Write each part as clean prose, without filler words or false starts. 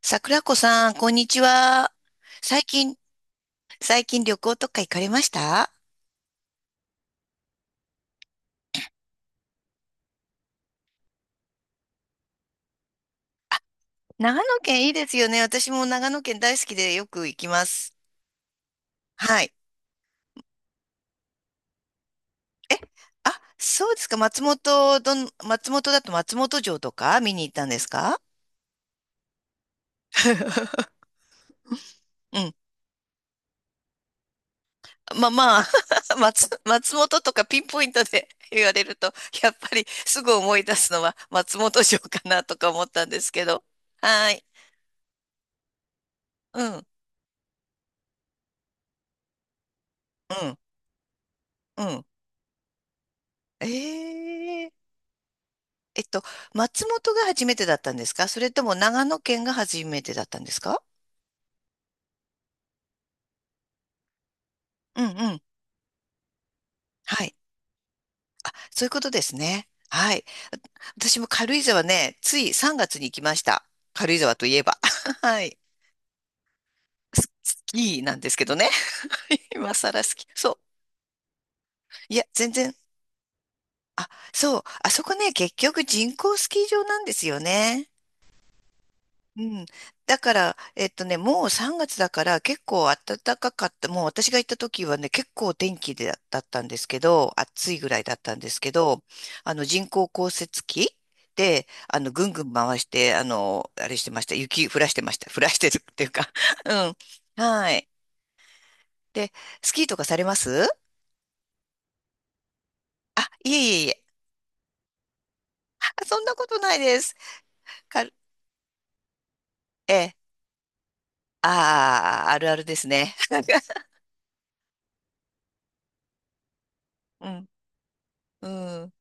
桜子さん、こんにちは。最近、最近旅行とか行かれました？長野県いいですよね。私も長野県大好きでよく行きます。はい。あ、そうですか。松本だと松本城とか見に行ったんですか？ うん。まあまあ、松本とかピンポイントで 言われると、やっぱりすぐ思い出すのは松本城かなとか思ったんですけど。はい。うん、うん、うん。ええ、えっと、松本が初めてだったんですか、それとも長野県が初めてだったんですか？うんうん。はい。そういうことですね。はい。私も軽井沢ね、つい3月に行きました。軽井沢といえば。はい。ススキーなんですけどね。今更スキー。そう。いや、全然。あ、そう。あそこね、結局人工スキー場なんですよね。うん。だから、もう3月だから結構暖かかった。もう私が行った時はね、結構天気でだったんですけど、暑いぐらいだったんですけど、人工降雪機で、ぐんぐん回して、あれしてました。雪降らしてました。降らしてるっていうか。うん。はい。で、スキーとかされます？あ、いえいえいえ。あ、そんなことないです。か、ええ、ああ、あるあるですね。うん。うん。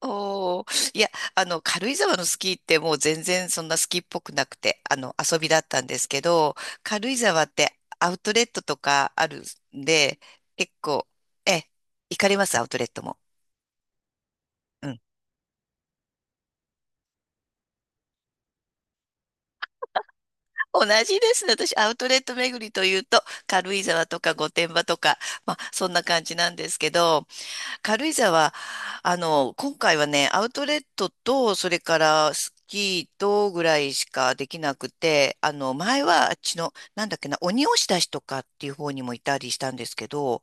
おー、いや、軽井沢のスキーってもう全然そんなスキーっぽくなくて、遊びだったんですけど、軽井沢ってアウトレットとかあるんで、結構、え、行かれます、アウトレットも？うん。同じですね。私、アウトレット巡りというと、軽井沢とか御殿場とか、まあ、そんな感じなんですけど、軽井沢、今回はね、アウトレットと、それからスキーとぐらいしかできなくて、前はあっちの、なんだっけな、鬼押出しとかっていう方にもいたりしたんですけど、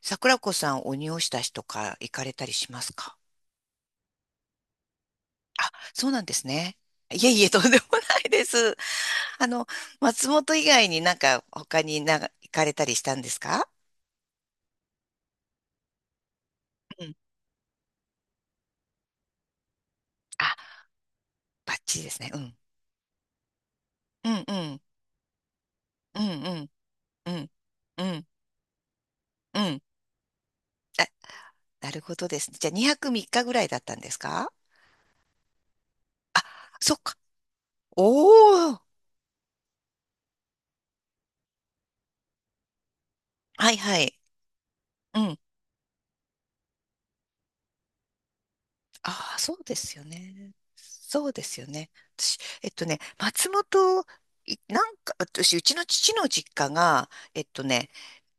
桜子さん鬼押出しとか行かれたりしますか？あ、そうなんですね。いえいえ、とんでもないです。あの、松本以外になんか他になんか行かれたりしたんですか？うん。あ、バッチリですね。うん。うんうん。うんうん。うんうん。うん。あ、なるほどですね。じゃあ2泊3日ぐらいだったんですか？そっか。おー。はいはい。うん。ああ、そうですよね。そうですよね。私、松本、いなんか、私、うちの父の実家が、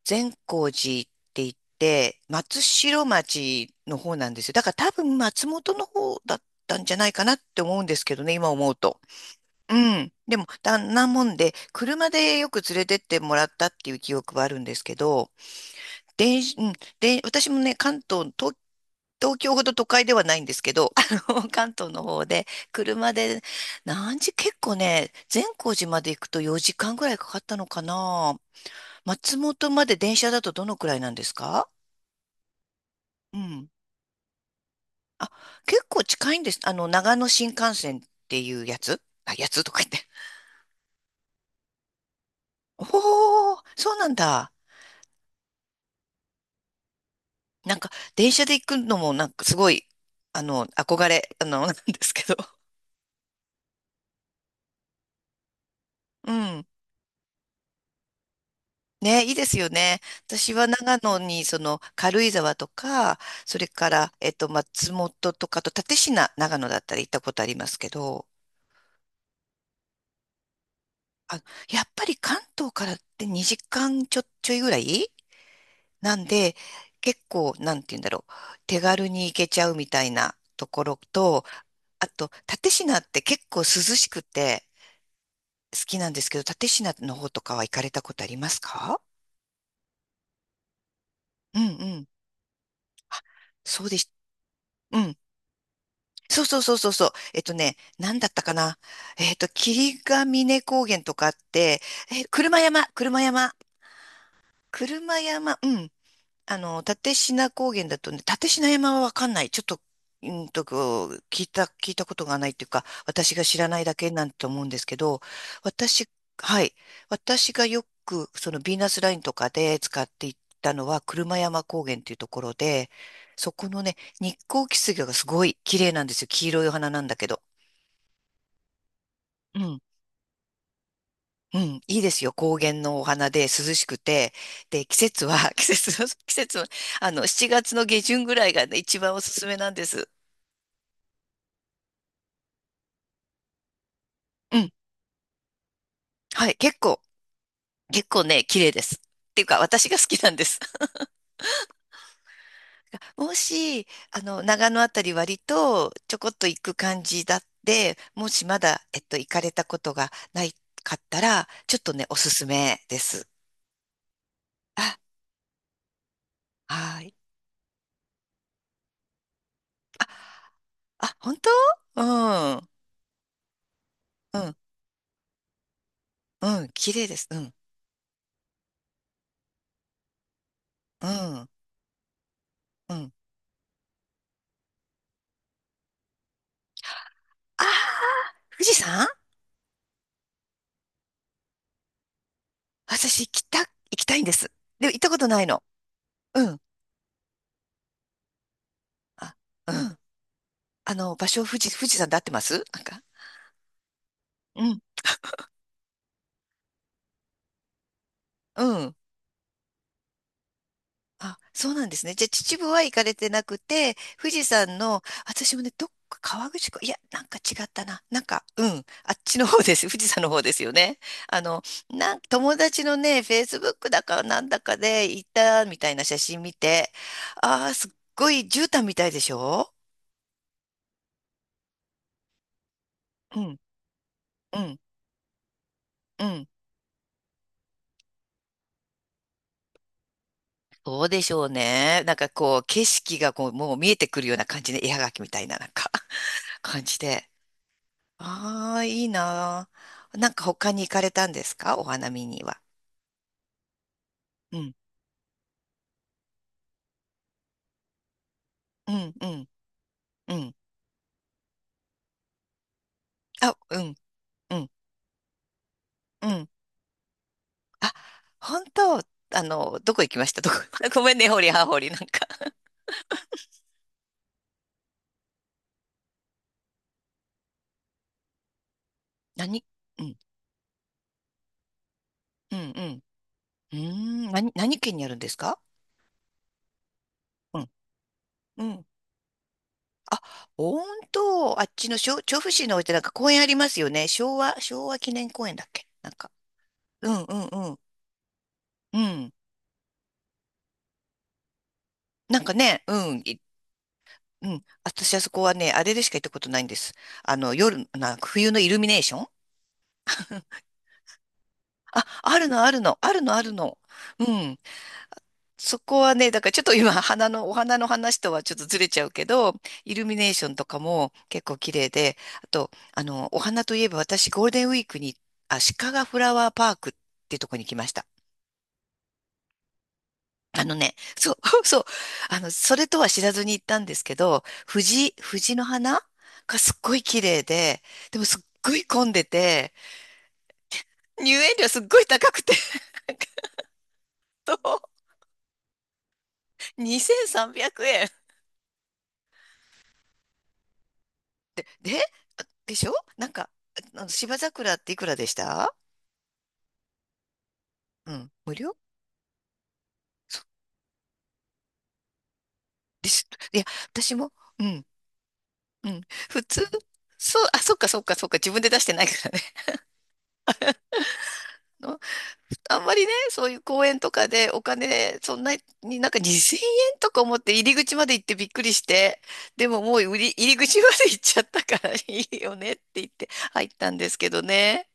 善光寺って言って、松代町の方なんですよ。だから多分松本の方だったんじゃないかなって思うんですけどね、今思うと。うん。でも、だんなもんで、車でよく連れてってもらったっていう記憶はあるんですけど、電子、うん、で、私もね、関東、東、東京ほど都会ではないんですけど、関東の方で、車で、何時、結構ね、善光寺まで行くと4時間ぐらいかかったのかな。松本まで電車だとどのくらいなんですか？うん。あ、結構近いんです。長野新幹線っていうやつ、あ、やつとか言って。おー、そうなんだ。なんか、電車で行くのも、なんかすごい、憧れ、なんですけど。うん。ね、いいですよね。私は長野に、その、軽井沢とか、それから、松本とかと、蓼科、長野だったら行ったことありますけど、あ、やっぱり関東からって2時間ちょ、ちょいぐらいなんで、結構、なんて言うんだろう、手軽に行けちゃうみたいなところと、あと、蓼科って結構涼しくて好きなんですけど、蓼科の方とかは行かれたことありますか？うんうん。あ、そうでした。そうそうそうそうそう。えっとね、なんだったかな。霧ヶ峰高原とかあって、え、車山、車山、車山、うん。立科高原だとね、立科山はわかんない。ちょっと、うんと、こう聞いたことがないっていうか、私が知らないだけなんと思うんですけど、私、はい。私がよく、そのヴィーナスラインとかで使っていったのは、車山高原っていうところで、そこのね、日光キスゲがすごい綺麗なんですよ。黄色いお花なんだけど。うん、うん、いいですよ。高原のお花で涼しくて。で、季節は、季節の、7月の下旬ぐらいがね、一番おすすめなんです。うん。はい。結構、結構ね、綺麗です。っていうか、私が好きなんです。もし、長野あたり割とちょこっと行く感じだって、もしまだ、行かれたことがないかったら、ちょっとね、おすすめです。あ、はい。あ、あ、本当？うん、うん、うん、綺麗です。うん、うん。うん。ああ、富士山、私行きたいんです。でも行ったことないの。うん。あ、うん。場所、富士山で合ってますなんか？うん。うん。あ、そうなんですね。じゃあ、秩父は行かれてなくて、富士山の、私もね、どっか川口湖、いや、なんか違ったな。なんか、うん。あっちの方です。富士山の方ですよね。あの、なん、友達のね、フェイスブックだかなんだかで行ったみたいな写真見て、ああ、すっごい絨毯みたいでしょ？うん。うん。うん。そうでしょうね。なんかこう、景色がこう、もう見えてくるような感じで、絵はがきみたいな、なんか 感じで。ああ、いいなあ。なんか他に行かれたんですか、お花見には？うん、うん、うん、うん。あ、うん、うん、うん。あ、本当、どこ行きました、どこ？ ごめんね、ほりはほり、なんか何、うん、うん、うん。うーん、何、何県にあるんですか？うん、うん。あ、本当、あっちのしょ調布市の方ってなんか公園ありますよね。昭和、昭和記念公園だっけ、なんか。うんうんうん。うん。なんかね、うん。いうん。私あそこはね、あれでしか行ったことないんです。夜、な、冬のイルミネーション、あ、あるのあるの、あるのあるの。うん。そこはね、だからちょっと今、お花の話とはちょっとずれちゃうけど、イルミネーションとかも結構綺麗で、あと、お花といえば私、ゴールデンウィークに、あ、鹿ヶフラワーパークってとこに来ました。そう、そう、それとは知らずに行ったんですけど、藤の花がすっごい綺麗で、でもすっごい混んでて、入園料すっごい高くて、そうにせん2300円。で、でしょ、なんか、芝桜っていくらでした？うん、無料です。いや、私も、うん、うん、普通、そう、あ、そっか、自分で出してないからね。あの、あんまりね、そういう公園とかでお金、そんなになんか2000円とか思って入り口まで行ってびっくりして、でももう売り、入り口まで行っちゃったからいいよねって言って入ったんですけどね。